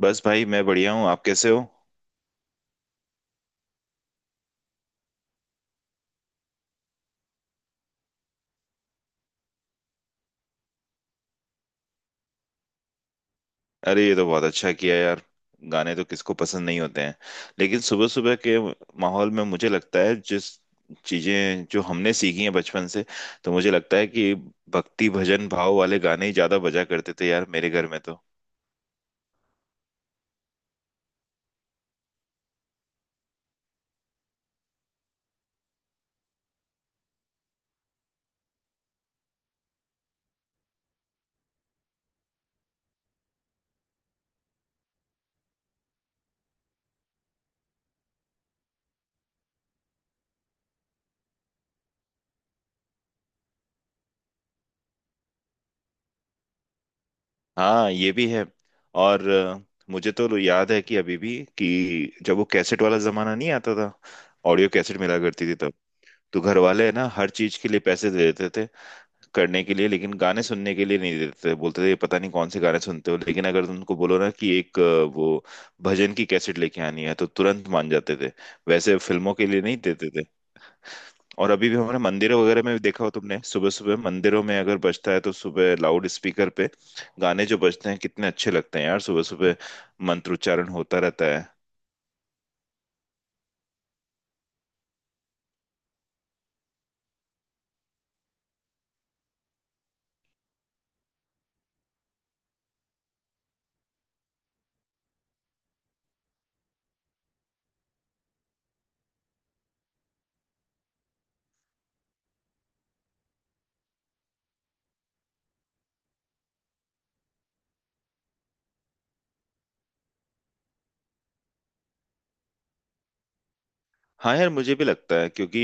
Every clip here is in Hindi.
बस भाई मैं बढ़िया हूँ। आप कैसे हो? अरे ये तो बहुत अच्छा किया यार। गाने तो किसको पसंद नहीं होते हैं, लेकिन सुबह सुबह के माहौल में मुझे लगता है जिस चीजें जो हमने सीखी हैं बचपन से, तो मुझे लगता है कि भक्ति भजन भाव वाले गाने ही ज्यादा बजा करते थे यार मेरे घर में तो। हाँ ये भी है। और मुझे तो याद है कि अभी भी कि जब वो कैसेट वाला जमाना नहीं आता था, ऑडियो कैसेट मिला करती थी तब। तो घर वाले है ना हर चीज के लिए पैसे दे देते थे करने के लिए, लेकिन गाने सुनने के लिए नहीं देते थे। बोलते थे पता नहीं कौन से गाने सुनते हो, लेकिन अगर तुमको बोलो ना कि वो भजन की कैसेट लेके आनी है तो तुरंत मान जाते थे। वैसे फिल्मों के लिए नहीं देते थे। और अभी भी हमारे मंदिरों वगैरह में भी देखा हो तुमने, सुबह सुबह मंदिरों में अगर बजता है तो सुबह लाउड स्पीकर पे गाने जो बजते हैं कितने अच्छे लगते हैं यार सुबह सुबह, मंत्रोच्चारण होता रहता है। हाँ यार मुझे भी लगता है, क्योंकि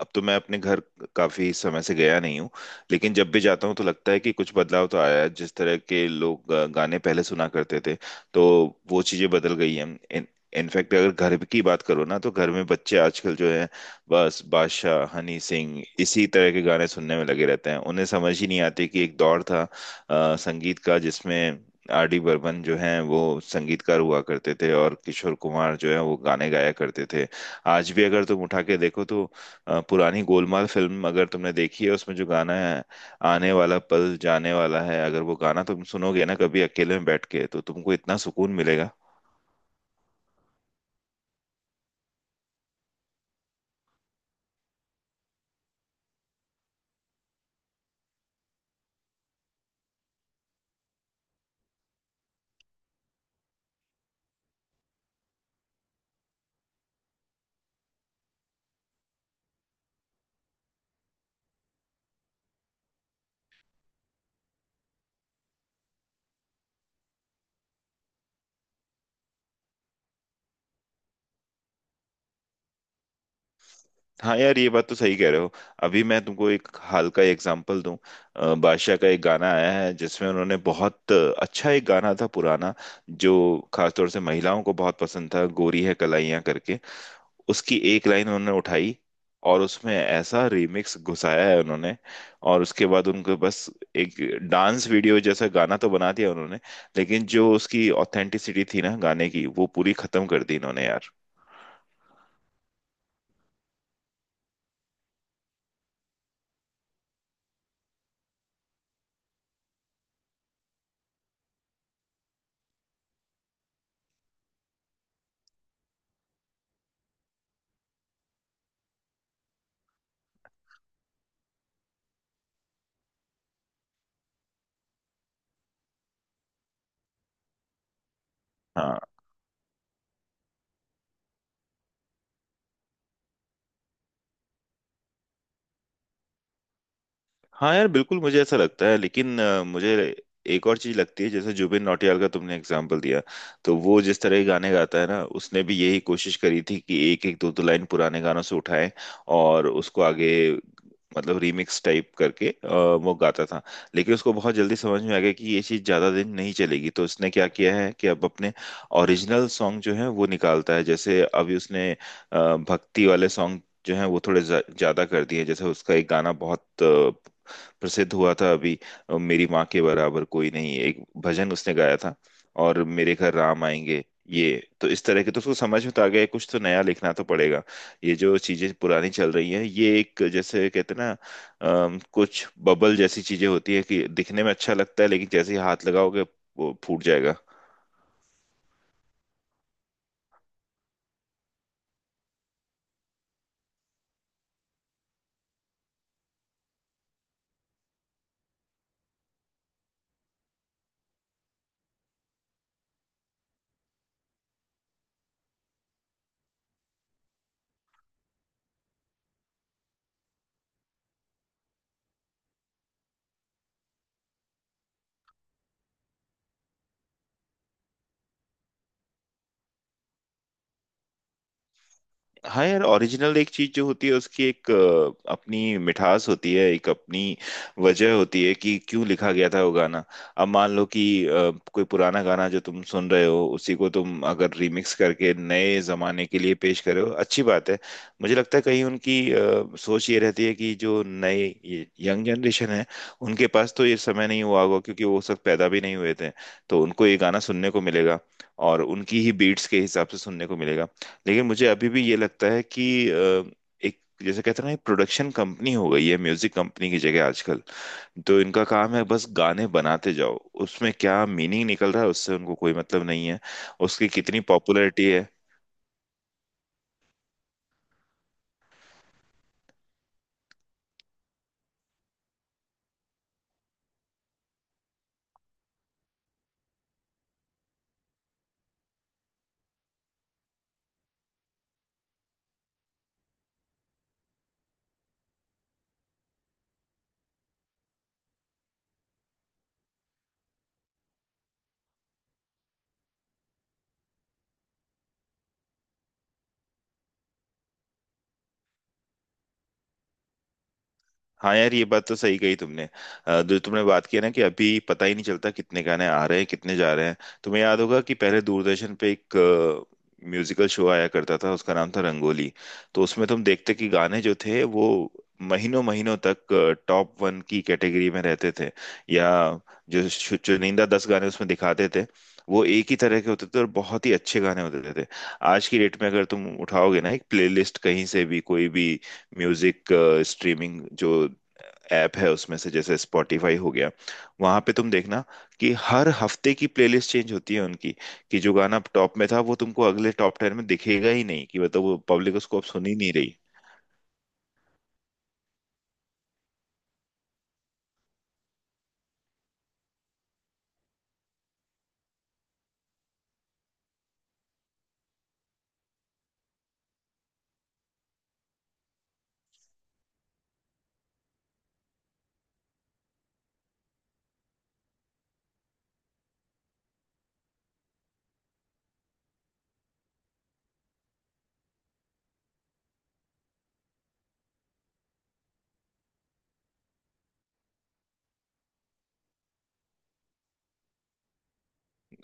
अब तो मैं अपने घर काफी समय से गया नहीं हूँ, लेकिन जब भी जाता हूँ तो लगता है कि कुछ बदलाव तो आया है। जिस तरह के लोग गाने पहले सुना करते थे, तो वो चीजें बदल गई हैं। इन इनफैक्ट अगर घर की बात करो ना, तो घर में बच्चे आजकल जो है बस बादशाह हनी सिंह इसी तरह के गाने सुनने में लगे रहते हैं। उन्हें समझ ही नहीं आती कि एक दौर था संगीत का जिसमें आर डी बर्मन जो है वो संगीतकार हुआ करते थे और किशोर कुमार जो है वो गाने गाया करते थे। आज भी अगर तुम उठा के देखो तो पुरानी गोलमाल फिल्म अगर तुमने देखी है उसमें जो गाना है आने वाला पल जाने वाला है, अगर वो गाना तुम सुनोगे ना कभी अकेले में बैठ के तो तुमको इतना सुकून मिलेगा। हाँ यार ये बात तो सही कह रहे हो। अभी मैं तुमको एक हाल का एग्जांपल दूं। बादशाह का एक गाना आया है जिसमें उन्होंने, बहुत अच्छा एक गाना था पुराना जो खासतौर से महिलाओं को बहुत पसंद था, गोरी है कलाइयाँ करके, उसकी एक लाइन उन्होंने उठाई और उसमें ऐसा रिमिक्स घुसाया है उन्होंने। और उसके बाद उनको बस एक डांस वीडियो जैसा गाना तो बना दिया उन्होंने, लेकिन जो उसकी ऑथेंटिसिटी थी ना गाने की वो पूरी खत्म कर दी इन्होंने यार। हाँ हाँ यार बिल्कुल मुझे ऐसा लगता है, लेकिन मुझे एक और चीज लगती है। जैसे जुबिन नौटियाल का तुमने एग्जाम्पल दिया, तो वो जिस तरह के गाने गाता है ना उसने भी यही कोशिश करी थी कि एक एक दो दो लाइन पुराने गानों से उठाएं और उसको आगे मतलब रीमिक्स टाइप करके वो गाता था। लेकिन उसको बहुत जल्दी समझ में आ गया कि ये चीज़ ज़्यादा दिन नहीं चलेगी, तो उसने क्या किया है कि अब अपने ओरिजिनल सॉन्ग जो है वो निकालता है। जैसे अभी उसने भक्ति वाले सॉन्ग जो है वो थोड़े ज़्यादा कर दिए। जैसे उसका एक गाना बहुत प्रसिद्ध हुआ था अभी, मेरी माँ के बराबर कोई नहीं, एक भजन उसने गाया था। और मेरे घर राम आएंगे, ये। तो इस तरह के तो उसको समझ में तो आ गया कुछ तो नया लिखना तो पड़ेगा। ये जो चीजें पुरानी चल रही हैं ये एक जैसे कहते हैं ना कुछ बबल जैसी चीजें होती है कि दिखने में अच्छा लगता है, लेकिन जैसे ही हाथ लगाओगे वो फूट जाएगा। हाँ यार ओरिजिनल एक चीज जो होती है उसकी एक अपनी मिठास होती है, एक अपनी वजह होती है कि क्यों लिखा गया था वो गाना। अब मान लो कि कोई पुराना गाना जो तुम सुन रहे हो उसी को तुम अगर रिमिक्स करके नए जमाने के लिए पेश कर रहे हो, अच्छी बात है। मुझे लगता है कहीं उनकी सोच ये रहती है कि जो नए ये यंग जनरेशन है उनके पास तो ये समय नहीं हुआ होगा, क्योंकि वो उस वक्त पैदा भी नहीं हुए थे। तो उनको ये गाना सुनने को मिलेगा और उनकी ही बीट्स के हिसाब से सुनने को मिलेगा। लेकिन मुझे अभी भी ये लगता है कि अ, एक जैसे कहते हैं ना प्रोडक्शन कंपनी हो गई है म्यूजिक कंपनी की जगह आजकल। तो इनका काम है बस गाने बनाते जाओ, उसमें क्या मीनिंग निकल रहा है उससे उनको कोई मतलब नहीं है, उसकी कितनी पॉपुलैरिटी है। हाँ यार ये बात तो सही कही तुमने। जो तुमने बात की है ना कि अभी पता ही नहीं चलता कितने गाने आ रहे हैं कितने जा रहे हैं। तुम्हें याद होगा कि पहले दूरदर्शन पे एक म्यूजिकल शो आया करता था, उसका नाम था रंगोली। तो उसमें तुम देखते कि गाने जो थे वो महीनों महीनों तक टॉप वन की कैटेगरी में रहते थे, या जो चुनिंदा 10 गाने उसमें दिखाते थे वो एक ही तरह के होते थे और बहुत ही अच्छे गाने होते थे। आज की डेट में अगर तुम उठाओगे ना एक प्लेलिस्ट कहीं से भी, कोई भी म्यूजिक स्ट्रीमिंग जो ऐप है उसमें से, जैसे स्पॉटिफाई हो गया, वहां पे तुम देखना कि हर हफ्ते की प्लेलिस्ट चेंज होती है उनकी। कि जो गाना टॉप में था वो तुमको अगले टॉप टेन में दिखेगा ही नहीं, कि मतलब वो पब्लिक उसको अब सुन ही नहीं रही।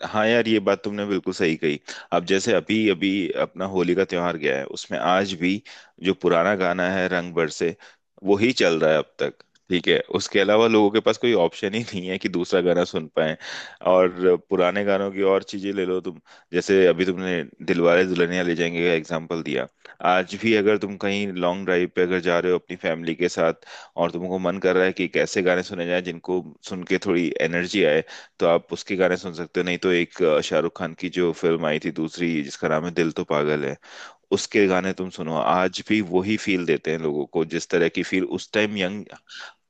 हाँ यार ये बात तुमने बिल्कुल सही कही। अब जैसे अभी अभी अपना होली का त्योहार गया है, उसमें आज भी जो पुराना गाना है रंग बरसे वो ही चल रहा है अब तक। ठीक है, उसके अलावा लोगों के पास कोई ऑप्शन ही नहीं है कि दूसरा गाना सुन पाए। और पुराने गानों की और चीजें ले लो तुम। जैसे अभी तुमने दिलवाले दुल्हनिया ले जाएंगे का एग्जाम्पल दिया, आज भी अगर तुम कहीं लॉन्ग ड्राइव पे अगर जा रहे हो अपनी फैमिली के साथ और तुमको मन कर रहा है कि कैसे गाने सुने जाएं जिनको सुन के थोड़ी एनर्जी आए, तो आप उसके गाने सुन सकते हो। नहीं तो एक शाहरुख खान की जो फिल्म आई थी दूसरी जिसका नाम है दिल तो पागल है, उसके गाने तुम सुनो आज भी वही फील देते हैं लोगों को, जिस तरह की फील उस टाइम यंग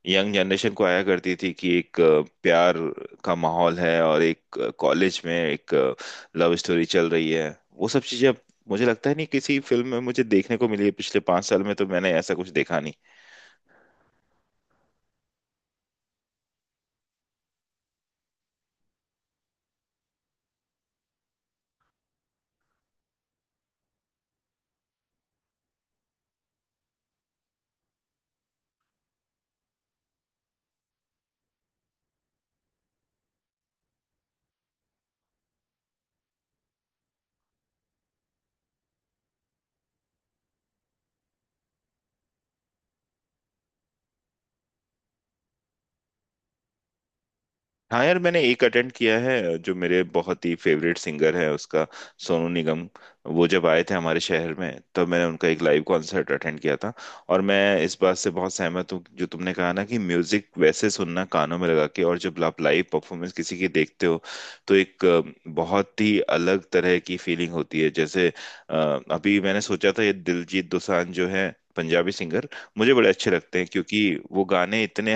यंग जनरेशन को आया करती थी कि एक प्यार का माहौल है और एक कॉलेज में एक लव स्टोरी चल रही है। वो सब चीजें अब मुझे लगता है नहीं किसी फिल्म में मुझे देखने को मिली है, पिछले 5 साल में तो मैंने ऐसा कुछ देखा नहीं। हाँ यार मैंने एक अटेंड किया है जो मेरे बहुत ही फेवरेट सिंगर है उसका, सोनू निगम, वो जब आए थे हमारे शहर में तब मैंने उनका एक लाइव कॉन्सर्ट अटेंड किया था। और मैं इस बात से बहुत सहमत हूँ जो तुमने कहा ना कि म्यूजिक वैसे सुनना कानों में लगा के, और जब आप लाइव परफॉर्मेंस किसी की देखते हो तो एक बहुत ही अलग तरह की फीलिंग होती है। जैसे अ, अभी मैंने सोचा था ये दिलजीत दोसांझ जो है पंजाबी सिंगर, मुझे बड़े अच्छे लगते हैं, क्योंकि वो गाने इतने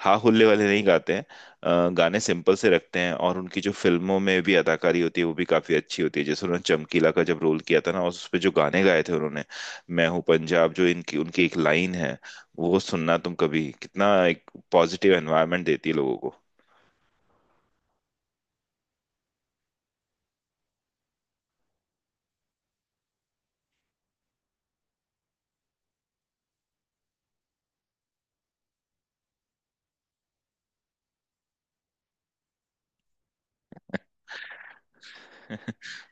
हा हुल्ले वाले नहीं गाते हैं। गाने सिंपल से रखते हैं और उनकी जो फिल्मों में भी अदाकारी होती है वो भी काफी अच्छी होती है। जैसे उन्होंने चमकीला का जब रोल किया था ना उस पे जो गाने गाए थे उन्होंने, मैं हूँ पंजाब जो इनकी उनकी एक लाइन है, वो सुनना तुम कभी, कितना एक पॉजिटिव एनवायरनमेंट देती है लोगों को।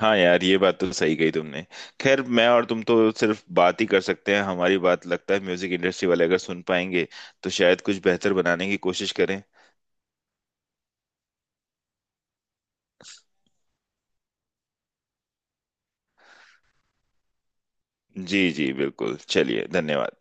हाँ यार ये बात तो सही कही तुमने। खैर मैं और तुम तो सिर्फ बात ही कर सकते हैं, हमारी बात लगता है म्यूजिक इंडस्ट्री वाले अगर सुन पाएंगे तो शायद कुछ बेहतर बनाने की कोशिश करें। जी जी बिल्कुल, चलिए धन्यवाद।